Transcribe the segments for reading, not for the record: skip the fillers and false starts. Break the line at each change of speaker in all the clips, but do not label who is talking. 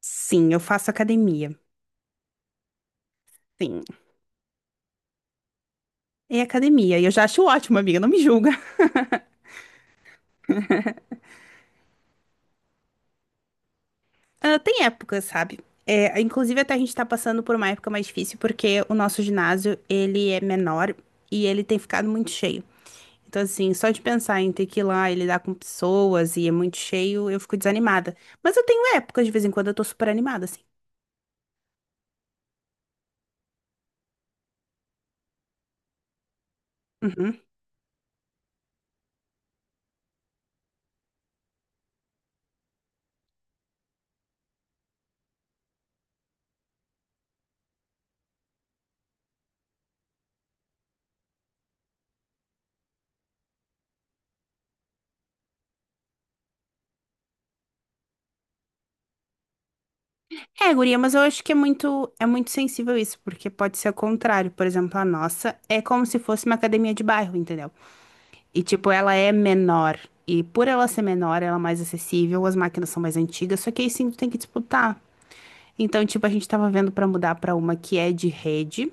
Sim, eu faço academia. Sim, é academia. E eu já acho ótimo, amiga, não me julga. Ah, tem épocas, sabe? É, inclusive, até a gente tá passando por uma época mais difícil porque o nosso ginásio, ele é menor e ele tem ficado muito cheio. Então, assim, só de pensar em ter que ir lá e lidar com pessoas e é muito cheio, eu fico desanimada. Mas eu tenho épocas, de vez em quando, eu tô super animada, assim. Uhum. É, guria, mas eu acho que é muito sensível isso, porque pode ser o contrário. Por exemplo, a nossa é como se fosse uma academia de bairro, entendeu? E, tipo, ela é menor. E por ela ser menor, ela é mais acessível, as máquinas são mais antigas, só que aí sim tu tem que disputar. Então, tipo, a gente tava vendo pra mudar pra uma que é de rede,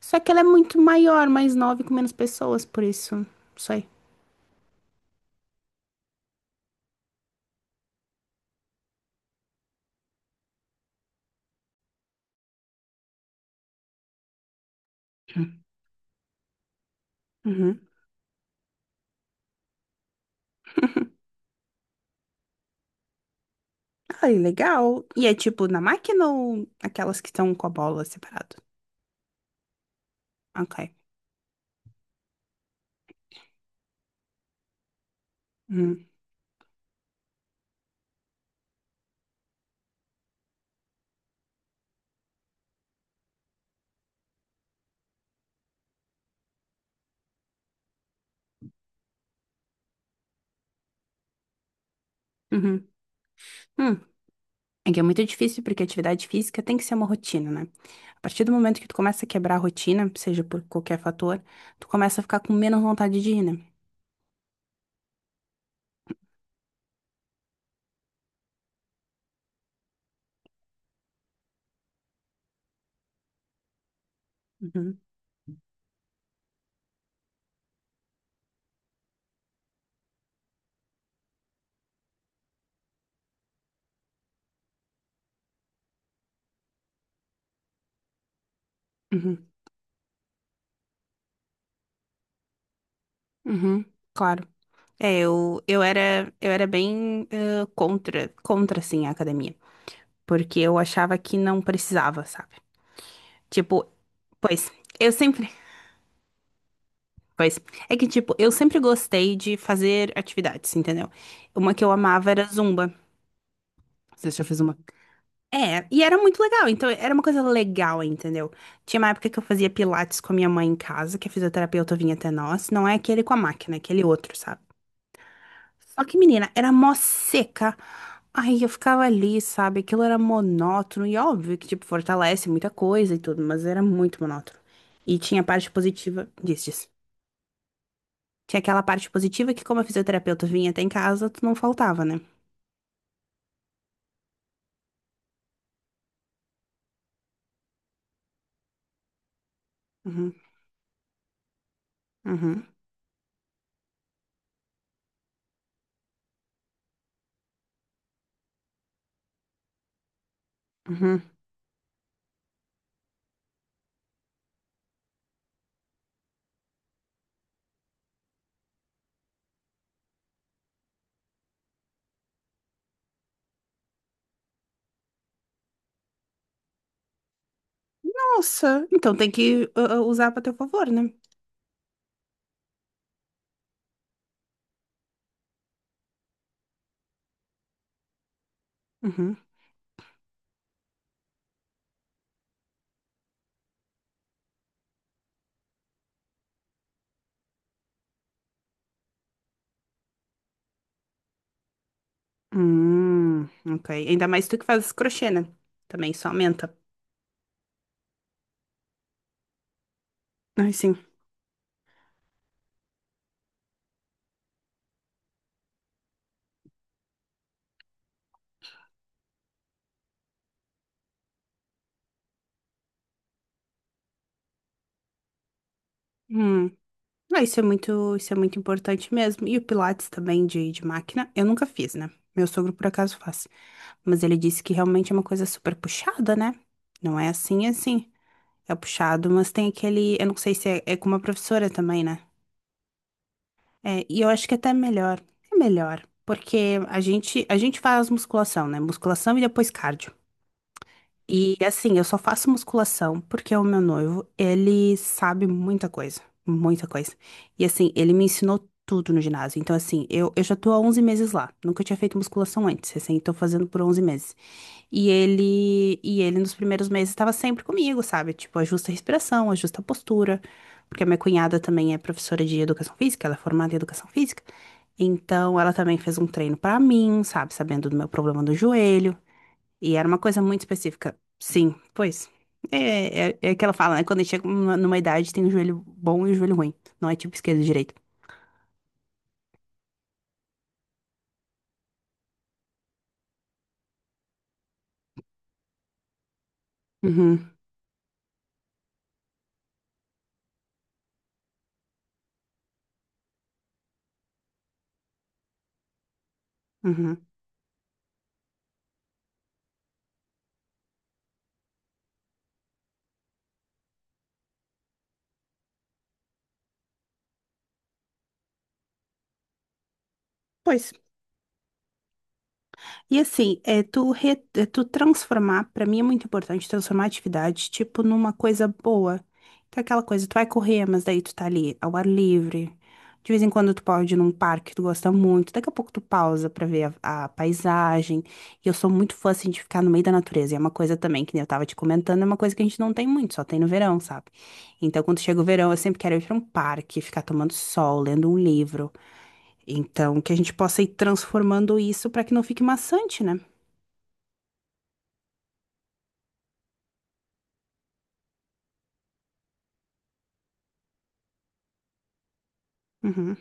só que ela é muito maior, mais nova e com menos pessoas, por isso, isso aí. Uhum. Ai, legal. E é tipo na máquina ou aquelas que estão com a bola separado? Ok. Uhum. Uhum. Hum. É que é muito difícil porque atividade física tem que ser uma rotina, né? A partir do momento que tu começa a quebrar a rotina, seja por qualquer fator, tu começa a ficar com menos vontade de ir, né? Uhum, uhum, uhum, claro. É, eu era bem contra, assim, a academia. Porque eu achava que não precisava, sabe? Tipo, pois, eu sempre, pois é que, tipo, eu sempre gostei de fazer atividades, entendeu? Uma que eu amava era Zumba. Você já fez uma. É, e era muito legal, então era uma coisa legal, entendeu? Tinha uma época que eu fazia pilates com a minha mãe em casa, que a fisioterapeuta vinha até nós. Não é aquele com a máquina, é aquele outro, sabe? Só que, menina, era mó seca. Ai, eu ficava ali, sabe? Aquilo era monótono e óbvio que, tipo, fortalece muita coisa e tudo, mas era muito monótono. E tinha a parte positiva disso. Tinha aquela parte positiva que, como a fisioterapeuta vinha até em casa, tu não faltava, né? Uhum, uhum, uhum. Nossa, então tem que usar pra teu favor, né? Uhum. Hum, ok. Ainda mais tu que faz crochê, né? Também isso aumenta. Ai, sim. Hum. Ah, isso é muito importante mesmo. E o Pilates também de máquina, eu nunca fiz, né? Meu sogro por acaso faz. Mas ele disse que realmente é uma coisa super puxada, né? Não é assim, é assim. É puxado, mas tem aquele. Eu não sei se é, é com uma professora também, né? É, e eu acho que até melhor. É melhor, porque a gente faz musculação, né? Musculação e depois cardio. E assim, eu só faço musculação porque o meu noivo, ele sabe muita coisa, muita coisa. E assim, ele me ensinou tudo no ginásio. Então assim, eu já tô há 11 meses lá. Nunca tinha feito musculação antes, assim, tô fazendo por 11 meses. E ele nos primeiros meses estava sempre comigo, sabe? Tipo, ajusta a respiração, ajusta a postura, porque a minha cunhada também é professora de educação física, ela é formada em educação física. Então, ela também fez um treino pra mim, sabe? Sabendo do meu problema do joelho. E era uma coisa muito específica. Sim, pois. É, é, é que ela fala, né? Quando a gente chega numa idade, tem o joelho bom e o joelho ruim. Não é tipo esquerdo e direito. Uhum, uhum. Pois. E assim, é tu, é tu transformar, pra mim é muito importante transformar a atividade, tipo, numa coisa boa. Então, aquela coisa, tu vai correr, mas daí tu tá ali ao ar livre. De vez em quando tu pode ir num parque que tu gosta muito. Daqui a pouco tu pausa pra ver a paisagem. E eu sou muito fã, assim, de ficar no meio da natureza. E é uma coisa também, que nem eu tava te comentando, é uma coisa que a gente não tem muito, só tem no verão, sabe? Então, quando chega o verão, eu sempre quero ir pra um parque, ficar tomando sol, lendo um livro. Então, que a gente possa ir transformando isso pra que não fique maçante, né? Uhum.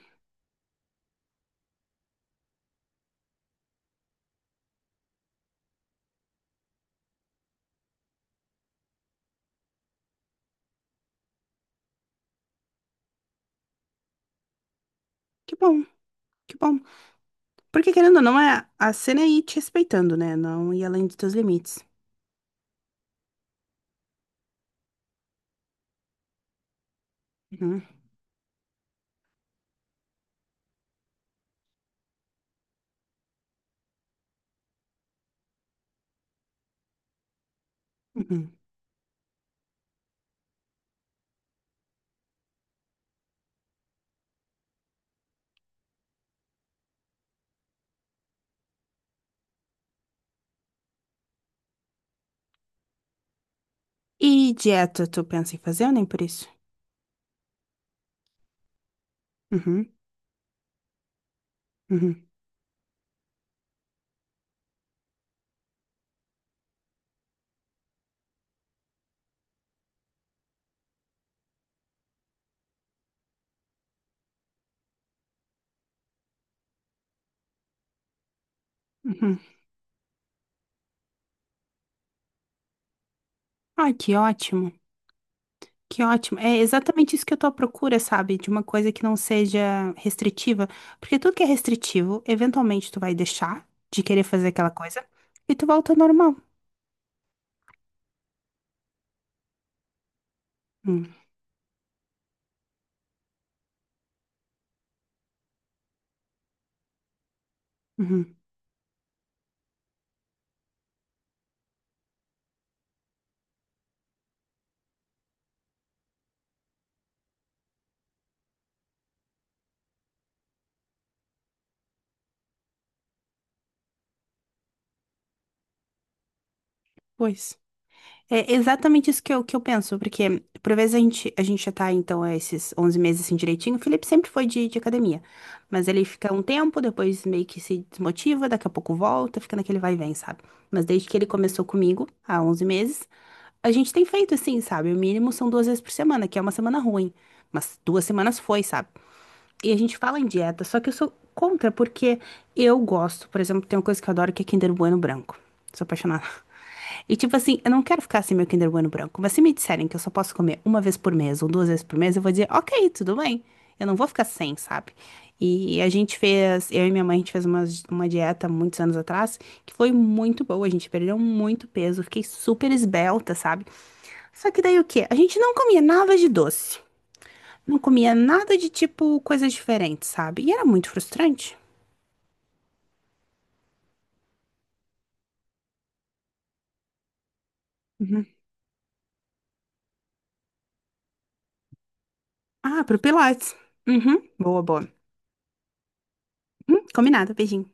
Que bom, que bom. Porque querendo ou não, é a cena é ir te respeitando, né? Não ir além dos teus limites. Uhum. Uhum. E dieta, tu pensa em fazer ou nem por isso? Uhum. Uhum. Uhum. Ai, que ótimo, que ótimo. É exatamente isso que eu tô à procura, sabe? De uma coisa que não seja restritiva. Porque tudo que é restritivo, eventualmente tu vai deixar de querer fazer aquela coisa e tu volta ao normal. Uhum. Uhum. Pois. É exatamente isso que eu penso, porque por vezes a gente já tá, então, é, esses 11 meses assim direitinho. O Felipe sempre foi de academia, mas ele fica um tempo, depois meio que se desmotiva, daqui a pouco volta, fica naquele vai e vem, sabe? Mas desde que ele começou comigo, há 11 meses, a gente tem feito assim, sabe? O mínimo são duas vezes por semana, que é uma semana ruim, mas duas semanas foi, sabe? E a gente fala em dieta, só que eu sou contra, porque eu gosto, por exemplo, tem uma coisa que eu adoro que é Kinder Bueno branco. Sou apaixonada e tipo assim, eu não quero ficar assim meu Kinder Bueno branco, mas se me disserem que eu só posso comer uma vez por mês ou duas vezes por mês, eu vou dizer, ok, tudo bem. Eu não vou ficar sem, sabe? E a gente fez, eu e minha mãe, a gente fez uma dieta muitos anos atrás, que foi muito boa, a gente perdeu muito peso, fiquei super esbelta, sabe? Só que daí o quê? A gente não comia nada de doce, não comia nada de tipo coisas diferentes, sabe? E era muito frustrante. Uhum. Ah, pro Pilates. Uhum, boa, boa. Combinado, beijinho.